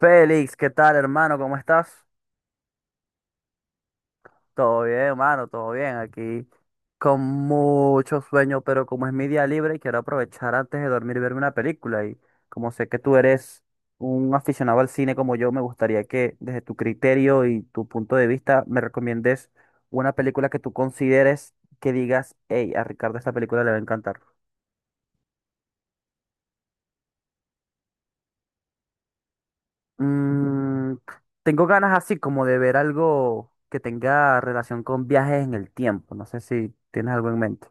Félix, ¿qué tal, hermano? ¿Cómo estás? Todo bien, hermano, todo bien. Aquí con mucho sueño, pero como es mi día libre, quiero aprovechar antes de dormir y verme una película. Y como sé que tú eres un aficionado al cine como yo, me gustaría que desde tu criterio y tu punto de vista me recomiendes una película que tú consideres que digas, hey, a Ricardo esta película le va a encantar. Mm, tengo ganas así como de ver algo que tenga relación con viajes en el tiempo. No sé si tienes algo en mente.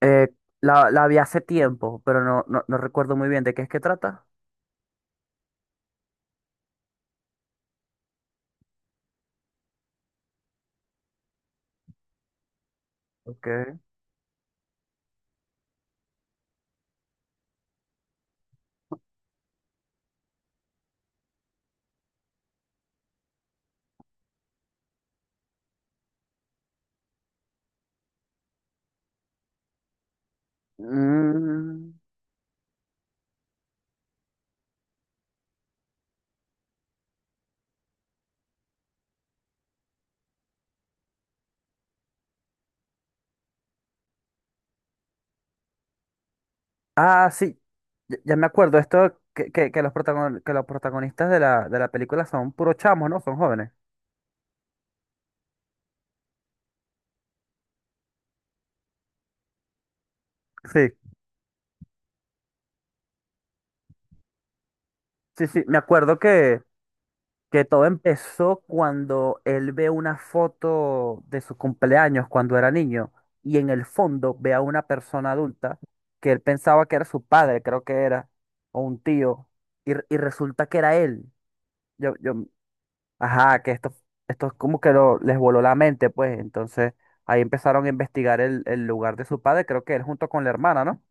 Eh, la vi hace tiempo, pero no recuerdo muy bien de qué es que trata. Ok. Mm. Ah, sí. Ya me acuerdo. Esto que los protagon- que los protagonistas de la película son puros chamos, ¿no? Son jóvenes. Sí, sí, sí. Me acuerdo que todo empezó cuando él ve una foto de su cumpleaños cuando era niño y en el fondo ve a una persona adulta que él pensaba que era su padre, creo que era, o un tío, y, y resulta que era él. Yo, ajá, que Esto es como que lo, les voló la mente, pues. Entonces, ahí empezaron a investigar el lugar de su padre, creo que él junto con la hermana, ¿no?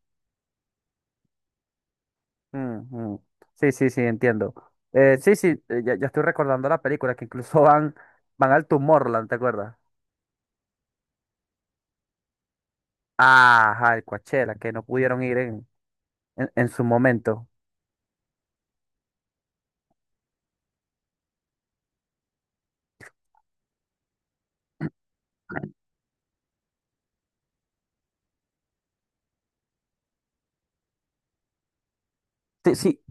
Ujú. Sí, sí, sí, entiendo. Sí, sí, ya estoy recordando la película, que incluso van, van al Tomorrowland, ¿te acuerdas? Ajá, el Coachella, que no pudieron ir en su momento. Sí, sí,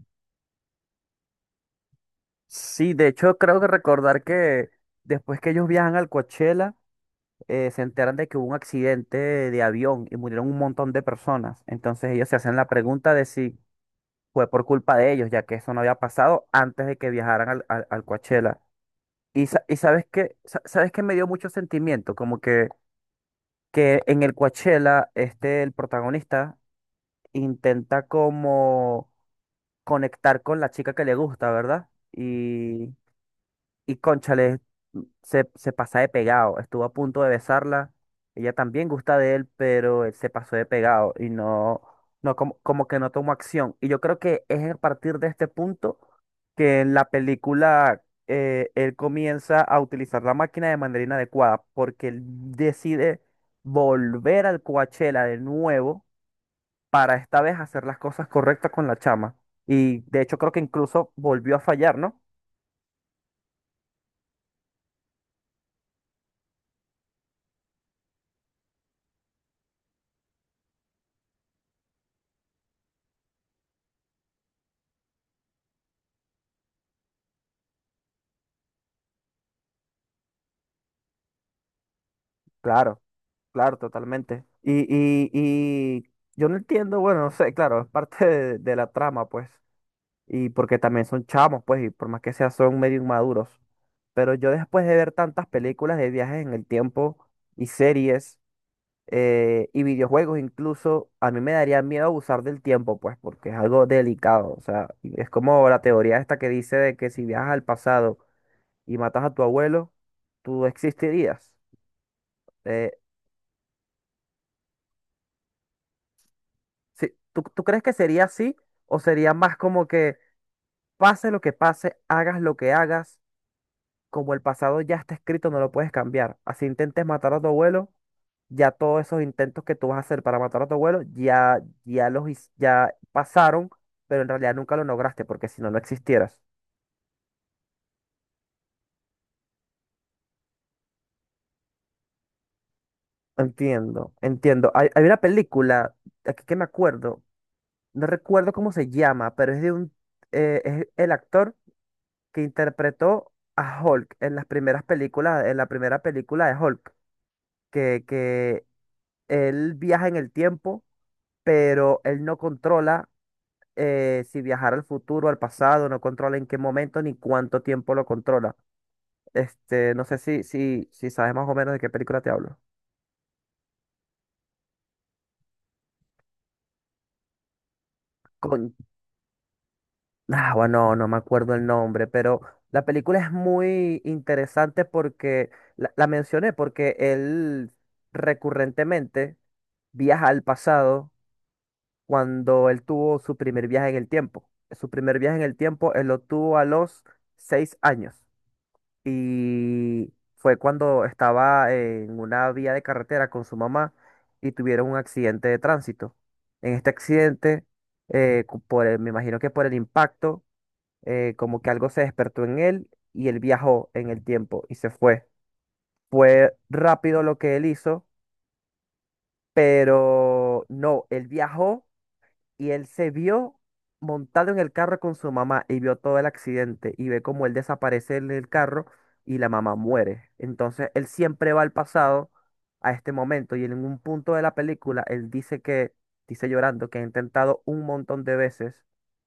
sí, de hecho creo que recordar que después que ellos viajan al Coachella, se enteran de que hubo un accidente de avión y murieron un montón de personas. Entonces ellos se hacen la pregunta de si fue por culpa de ellos, ya que eso no había pasado antes de que viajaran al Coachella. Y, sa- y sabes que, sabes que me dio mucho sentimiento, como que en el Coachella, este, el protagonista intenta como conectar con la chica que le gusta, ¿verdad? Y cónchale, se pasa de pegado. Estuvo a punto de besarla. Ella también gusta de él, pero él se pasó de pegado y no, no como, como que no tomó acción. Y yo creo que es a partir de este punto que en la película él comienza a utilizar la máquina de manera inadecuada, porque él decide volver al Coachella de nuevo para esta vez hacer las cosas correctas con la chama. Y de hecho creo que incluso volvió a fallar, ¿no? Claro. Claro, totalmente. Y yo no entiendo, bueno, no sé, claro, es parte de la trama, pues, y porque también son chamos, pues, y por más que sea, son medio inmaduros. Pero yo después de ver tantas películas de viajes en el tiempo y series y videojuegos incluso, a mí me daría miedo abusar del tiempo, pues, porque es algo delicado. O sea, y es como la teoría esta que dice de que si viajas al pasado y matas a tu abuelo, tú existirías. Eh, Sí, ¿tú crees que sería así o sería más como que pase lo que pase, hagas lo que hagas, como el pasado ya está escrito, no lo puedes cambiar? Así intentes matar a tu abuelo, ya todos esos intentos que tú vas a hacer para matar a tu abuelo, ya pasaron, pero en realidad nunca lo lograste, porque si no, no existieras. Entiendo, entiendo. Hay una película, aquí que me acuerdo, no recuerdo cómo se llama, pero es de un, es el actor que interpretó a Hulk en las primeras películas, en la primera película de Hulk, que él viaja en el tiempo, pero él no controla si viajar al futuro, al pasado, no controla en qué momento ni cuánto tiempo lo controla. Este, no sé si sabes más o menos de qué película te hablo. Con... Ah, bueno, no me acuerdo el nombre, pero la película es muy interesante porque la mencioné porque él recurrentemente viaja al pasado cuando él tuvo su primer viaje en el tiempo. Su primer viaje en el tiempo, él lo tuvo a los 6 años y fue cuando estaba en una vía de carretera con su mamá y tuvieron un accidente de tránsito. En este accidente, me imagino que por el impacto, como que algo se despertó en él y él viajó en el tiempo y se fue. Fue rápido lo que él hizo, pero no, él viajó. Y él se vio montado en el carro con su mamá y vio todo el accidente y ve cómo él desaparece en el carro y la mamá muere. Entonces él siempre va al pasado a este momento y en un punto de la película él dice que, dice llorando, que ha intentado un montón de veces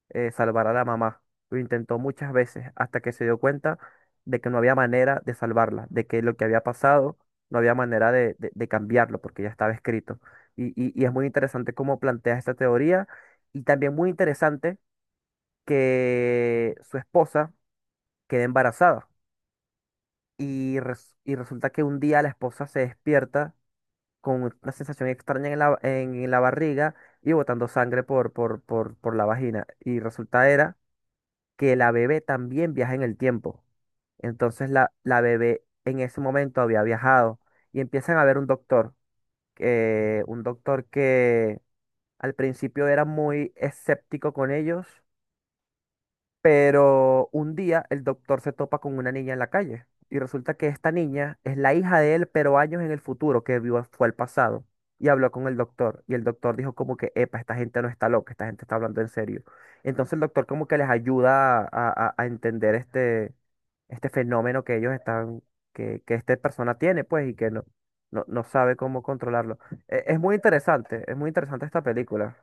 salvar a la mamá. Lo intentó muchas veces hasta que se dio cuenta de que no había manera de salvarla, de que lo que había pasado no había manera de cambiarlo porque ya estaba escrito. Y es muy interesante cómo plantea esta teoría y también muy interesante que su esposa queda embarazada. Y resulta que un día la esposa se despierta con una sensación extraña en la barriga y botando sangre por la vagina. Y resulta era que la bebé también viaja en el tiempo. Entonces la bebé en ese momento había viajado y empiezan a ver un doctor que al principio era muy escéptico con ellos. Pero un día el doctor se topa con una niña en la calle y resulta que esta niña es la hija de él, pero años en el futuro, que vio fue el pasado. Y habló con el doctor y el doctor dijo como que, epa, esta gente no está loca, esta gente está hablando en serio. Entonces el doctor como que les ayuda a, a entender este, este fenómeno que ellos están, que esta persona tiene, pues, y que no, no, no sabe cómo controlarlo. Es muy interesante, es muy interesante esta película.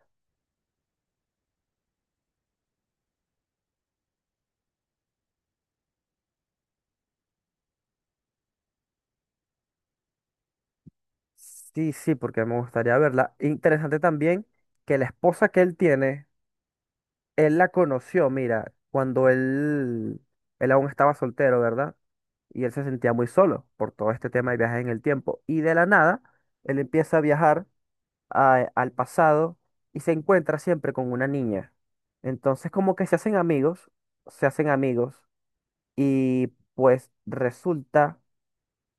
Sí, sí, porque me gustaría verla. Interesante también que la esposa que él tiene, él la conoció, mira, cuando él aún estaba soltero, ¿verdad? Y él se sentía muy solo por todo este tema de viajes en el tiempo. Y de la nada, él empieza a viajar al pasado y se encuentra siempre con una niña. Entonces, como que se hacen amigos y pues resulta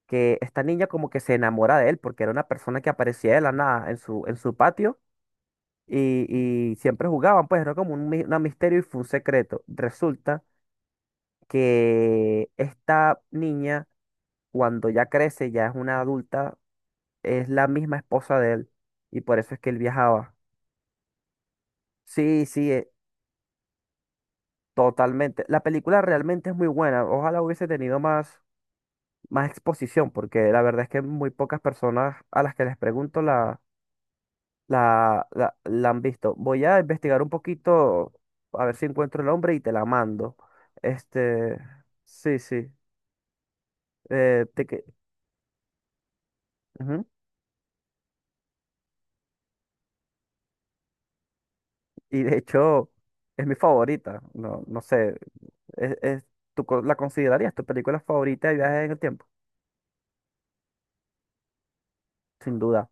que esta niña como que se enamora de él porque era una persona que aparecía de la nada en su, en su patio y, y siempre jugaban, pues era como un, una misterio y fue un secreto. Resulta que esta niña, cuando ya crece, ya es una adulta, es la misma esposa de él y por eso es que él viajaba. Sí, sí, totalmente. La película realmente es muy buena. Ojalá hubiese tenido más, más exposición porque la verdad es que muy pocas personas a las que les pregunto la han visto. Voy a investigar un poquito, a ver si encuentro el nombre y te la mando. Este, sí, sí. eh, te que- Ujú. Y de hecho, es mi favorita. No, no sé, es, es- la considerarías tu película favorita de viajes en el tiempo? Sin duda.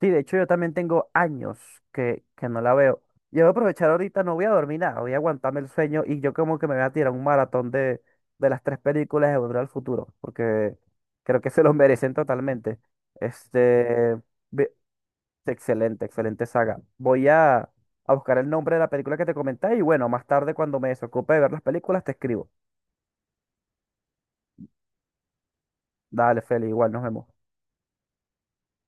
Sí, de hecho yo también tengo años que no la veo. Yo voy a aprovechar ahorita, no voy a dormir nada, voy a aguantarme el sueño y yo como que me voy a tirar un maratón de las tres películas de Volver al Futuro, porque creo que se los merecen totalmente. Este, ve- Excelente, excelente saga. Voy a buscar el nombre de la película que te comenté y bueno, más tarde cuando me desocupe de ver las películas te escribo. Dale, Feli, igual nos vemos.